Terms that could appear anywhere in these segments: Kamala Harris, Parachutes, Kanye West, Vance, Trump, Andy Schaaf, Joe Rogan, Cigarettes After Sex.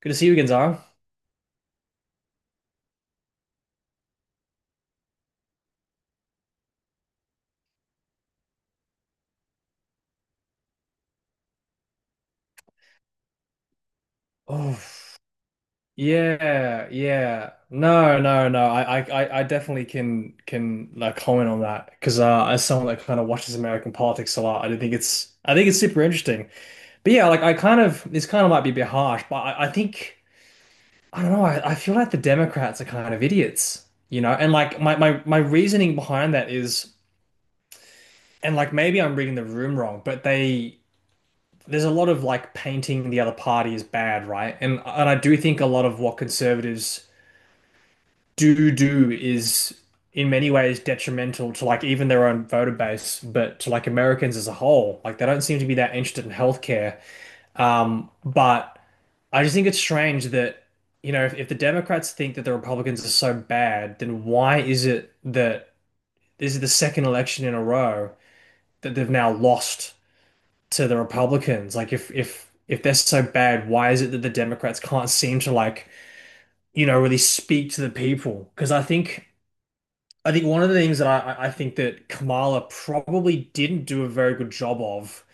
Good to see you again, Zara. Oh, yeah, yeah. No, no, no. I definitely can like comment on that because as someone that kind of watches American politics a lot, I do think it's I think it's super interesting. But yeah, like I kind of this kind of might be a bit harsh, but I think I don't know. I feel like the Democrats are kind of idiots, you know. And like my reasoning behind that is, and like maybe I'm reading the room wrong, but they. There's a lot of like painting the other party as bad, right? And I do think a lot of what conservatives do is in many ways detrimental to like even their own voter base, but to like Americans as a whole. Like they don't seem to be that interested in healthcare. But I just think it's strange that, you know, if the Democrats think that the Republicans are so bad, then why is it that this is the second election in a row that they've now lost to the Republicans. Like if they're so bad, why is it that the Democrats can't seem to like, you know, really speak to the people? Because I think one of the things that I think that Kamala probably didn't do a very good job of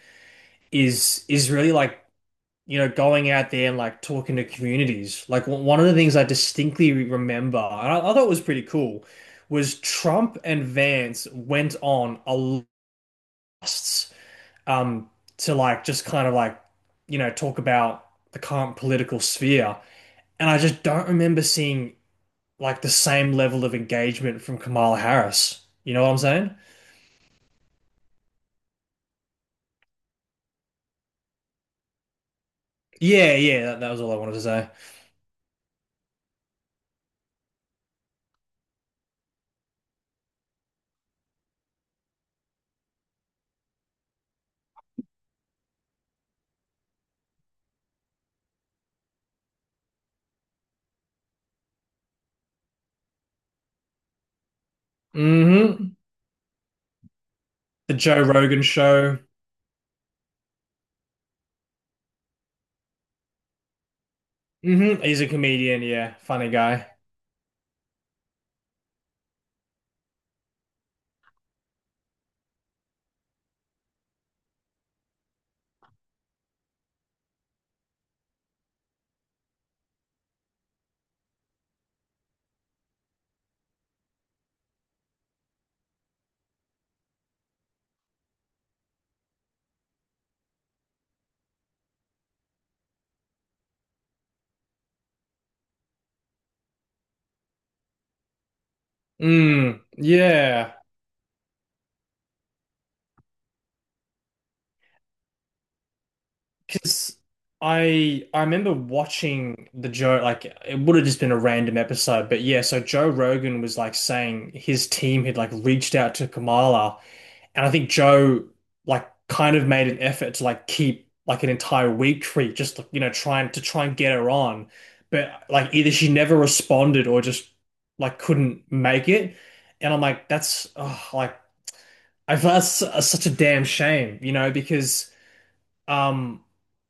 is really like you know, going out there and like talking to communities. Like one of the things I distinctly remember, and I thought it was pretty cool, was Trump and Vance went on a lasts um, to like just kind of like, you know, talk about the current political sphere. And I just don't remember seeing like the same level of engagement from Kamala Harris. You know what I'm saying? Yeah, yeah, that was all I wanted to say. hmm The Joe Rogan show. He's a comedian, yeah, funny guy. Mm, yeah. Because I remember watching the Joe like it would have just been a random episode, but yeah, so Joe Rogan was like saying his team had like reached out to Kamala, and I think Joe like kind of made an effort to like keep like an entire week free, just you know trying to try and get her on, but like either she never responded or just like couldn't make it, and I'm like that's like I feel like that's such a damn shame, you know, because um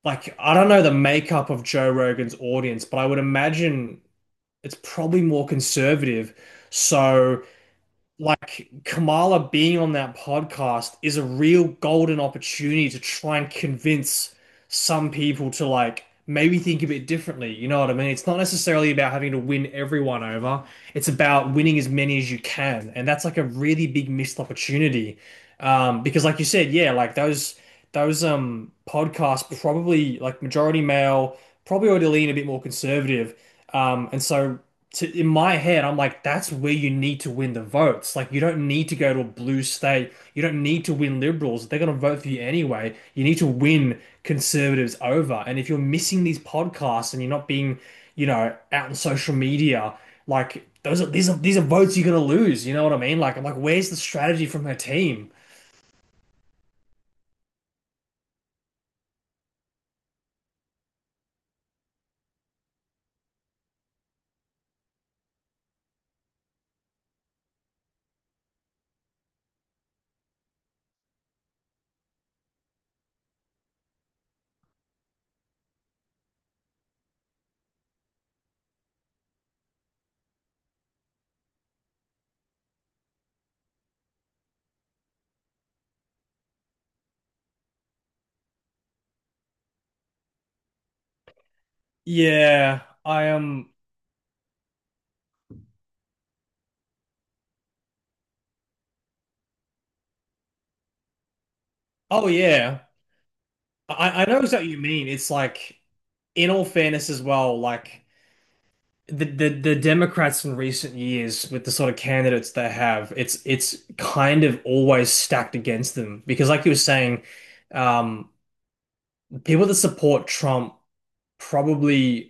like I don't know the makeup of Joe Rogan's audience, but I would imagine it's probably more conservative. So like Kamala being on that podcast is a real golden opportunity to try and convince some people to like maybe think a bit differently. You know what I mean? It's not necessarily about having to win everyone over. It's about winning as many as you can. And that's like a really big missed opportunity. Because like you said, yeah, like those podcasts probably like majority male, probably already lean a bit more conservative. And so to in my head, I'm like, that's where you need to win the votes. Like, you don't need to go to a blue state. You don't need to win liberals. They're going to vote for you anyway. You need to win conservatives over. And if you're missing these podcasts and you're not being, you know, out on social media, like those are these are votes you're going to lose. You know what I mean? Like, I'm like, where's the strategy from her team? Yeah, I am. Oh yeah, I know exactly what you mean. It's like, in all fairness as well, the Democrats in recent years with the sort of candidates they have, it's kind of always stacked against them because, like you were saying, um, people that support Trump probably.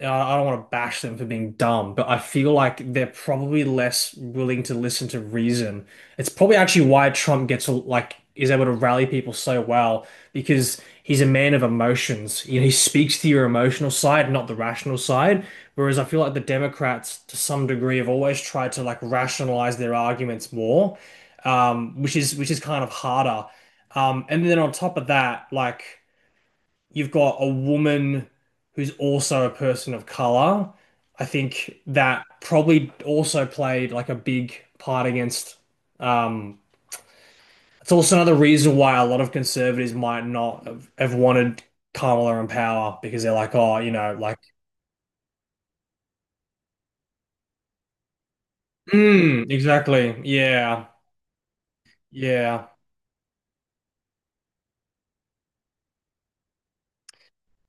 I Don't want to bash them for being dumb, but I feel like they're probably less willing to listen to reason. It's probably actually why Trump gets like is able to rally people so well because he's a man of emotions. You know, he speaks to your emotional side, not the rational side. Whereas I feel like the Democrats, to some degree, have always tried to like rationalize their arguments more, which is kind of harder. And then on top of that, like you've got a woman who's also a person of color. I think that probably also played like a big part against. Um, it's also another reason why a lot of conservatives might not have, have wanted Kamala in power because they're like, oh, you know, like, mm, exactly, yeah, yeah.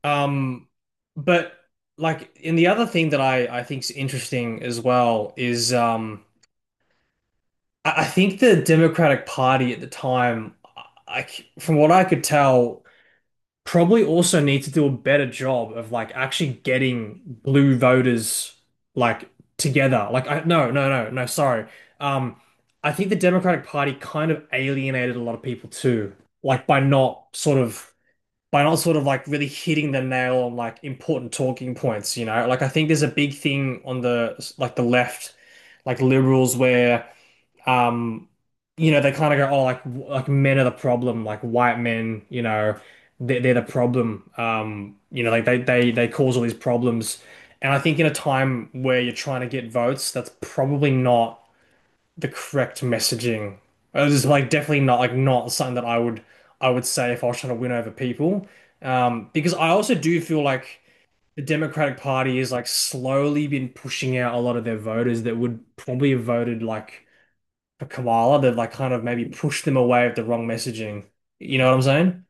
Um, but like, and the other thing that I think is interesting as well is I think the Democratic Party at the time, I, from what I could tell, probably also need to do a better job of like actually getting blue voters like together. Like, I, no, no, no, no, sorry. Um, I think the Democratic Party kind of alienated a lot of people too, like by not sort of like really hitting the nail on like important talking points, you know? Like, I think there's a big thing on the left, like liberals where um you know they kind of go oh like men are the problem like white men you know they're the problem you know like they cause all these problems and I think in a time where you're trying to get votes that's probably not the correct messaging it was like definitely not not something that I would say if I was trying to win over people because I also do feel like the Democratic Party is like slowly been pushing out a lot of their voters that would probably have voted like for Koala to like kind of maybe pushed them away with the wrong messaging. You know what I'm saying?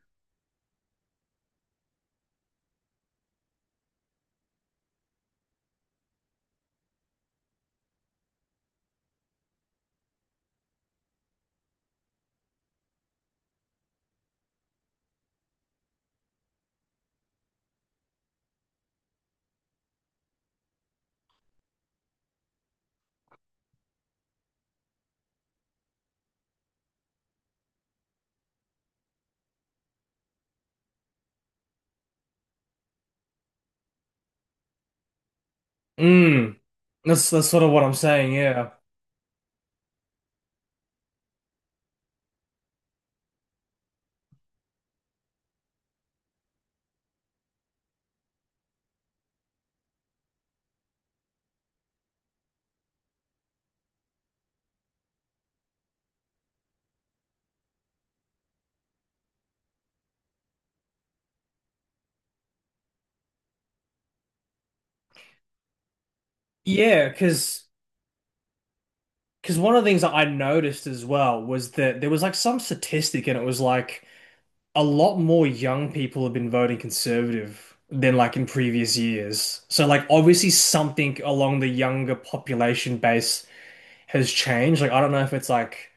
Mm. That's sort of what I'm saying, yeah. Yeah, because one of the things that I noticed as well was that there was like some statistic and it was like a lot more young people have been voting conservative than like in previous years. So like obviously something along the younger population base has changed. Like I don't know if it's like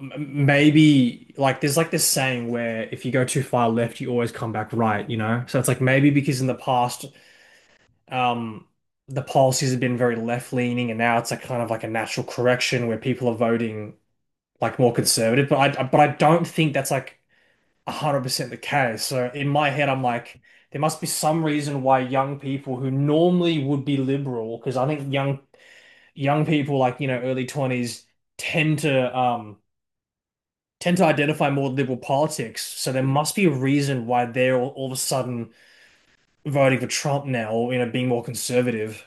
M- maybe like there's like this saying where if you go too far left, you always come back right, you know? So it's like maybe because in the past, um, the policies have been very left leaning, and now it's like kind of like a natural correction where people are voting like more conservative. But I don't think that's like 100% the case. So in my head, I'm like, there must be some reason why young people who normally would be liberal, because I think young people like you know early 20s tend to tend to identify more with liberal politics, so there must be a reason why they're all of a sudden voting for Trump now, or you know, being more conservative.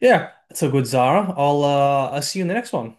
Yeah, that's a good Zara. I'll see you in the next one.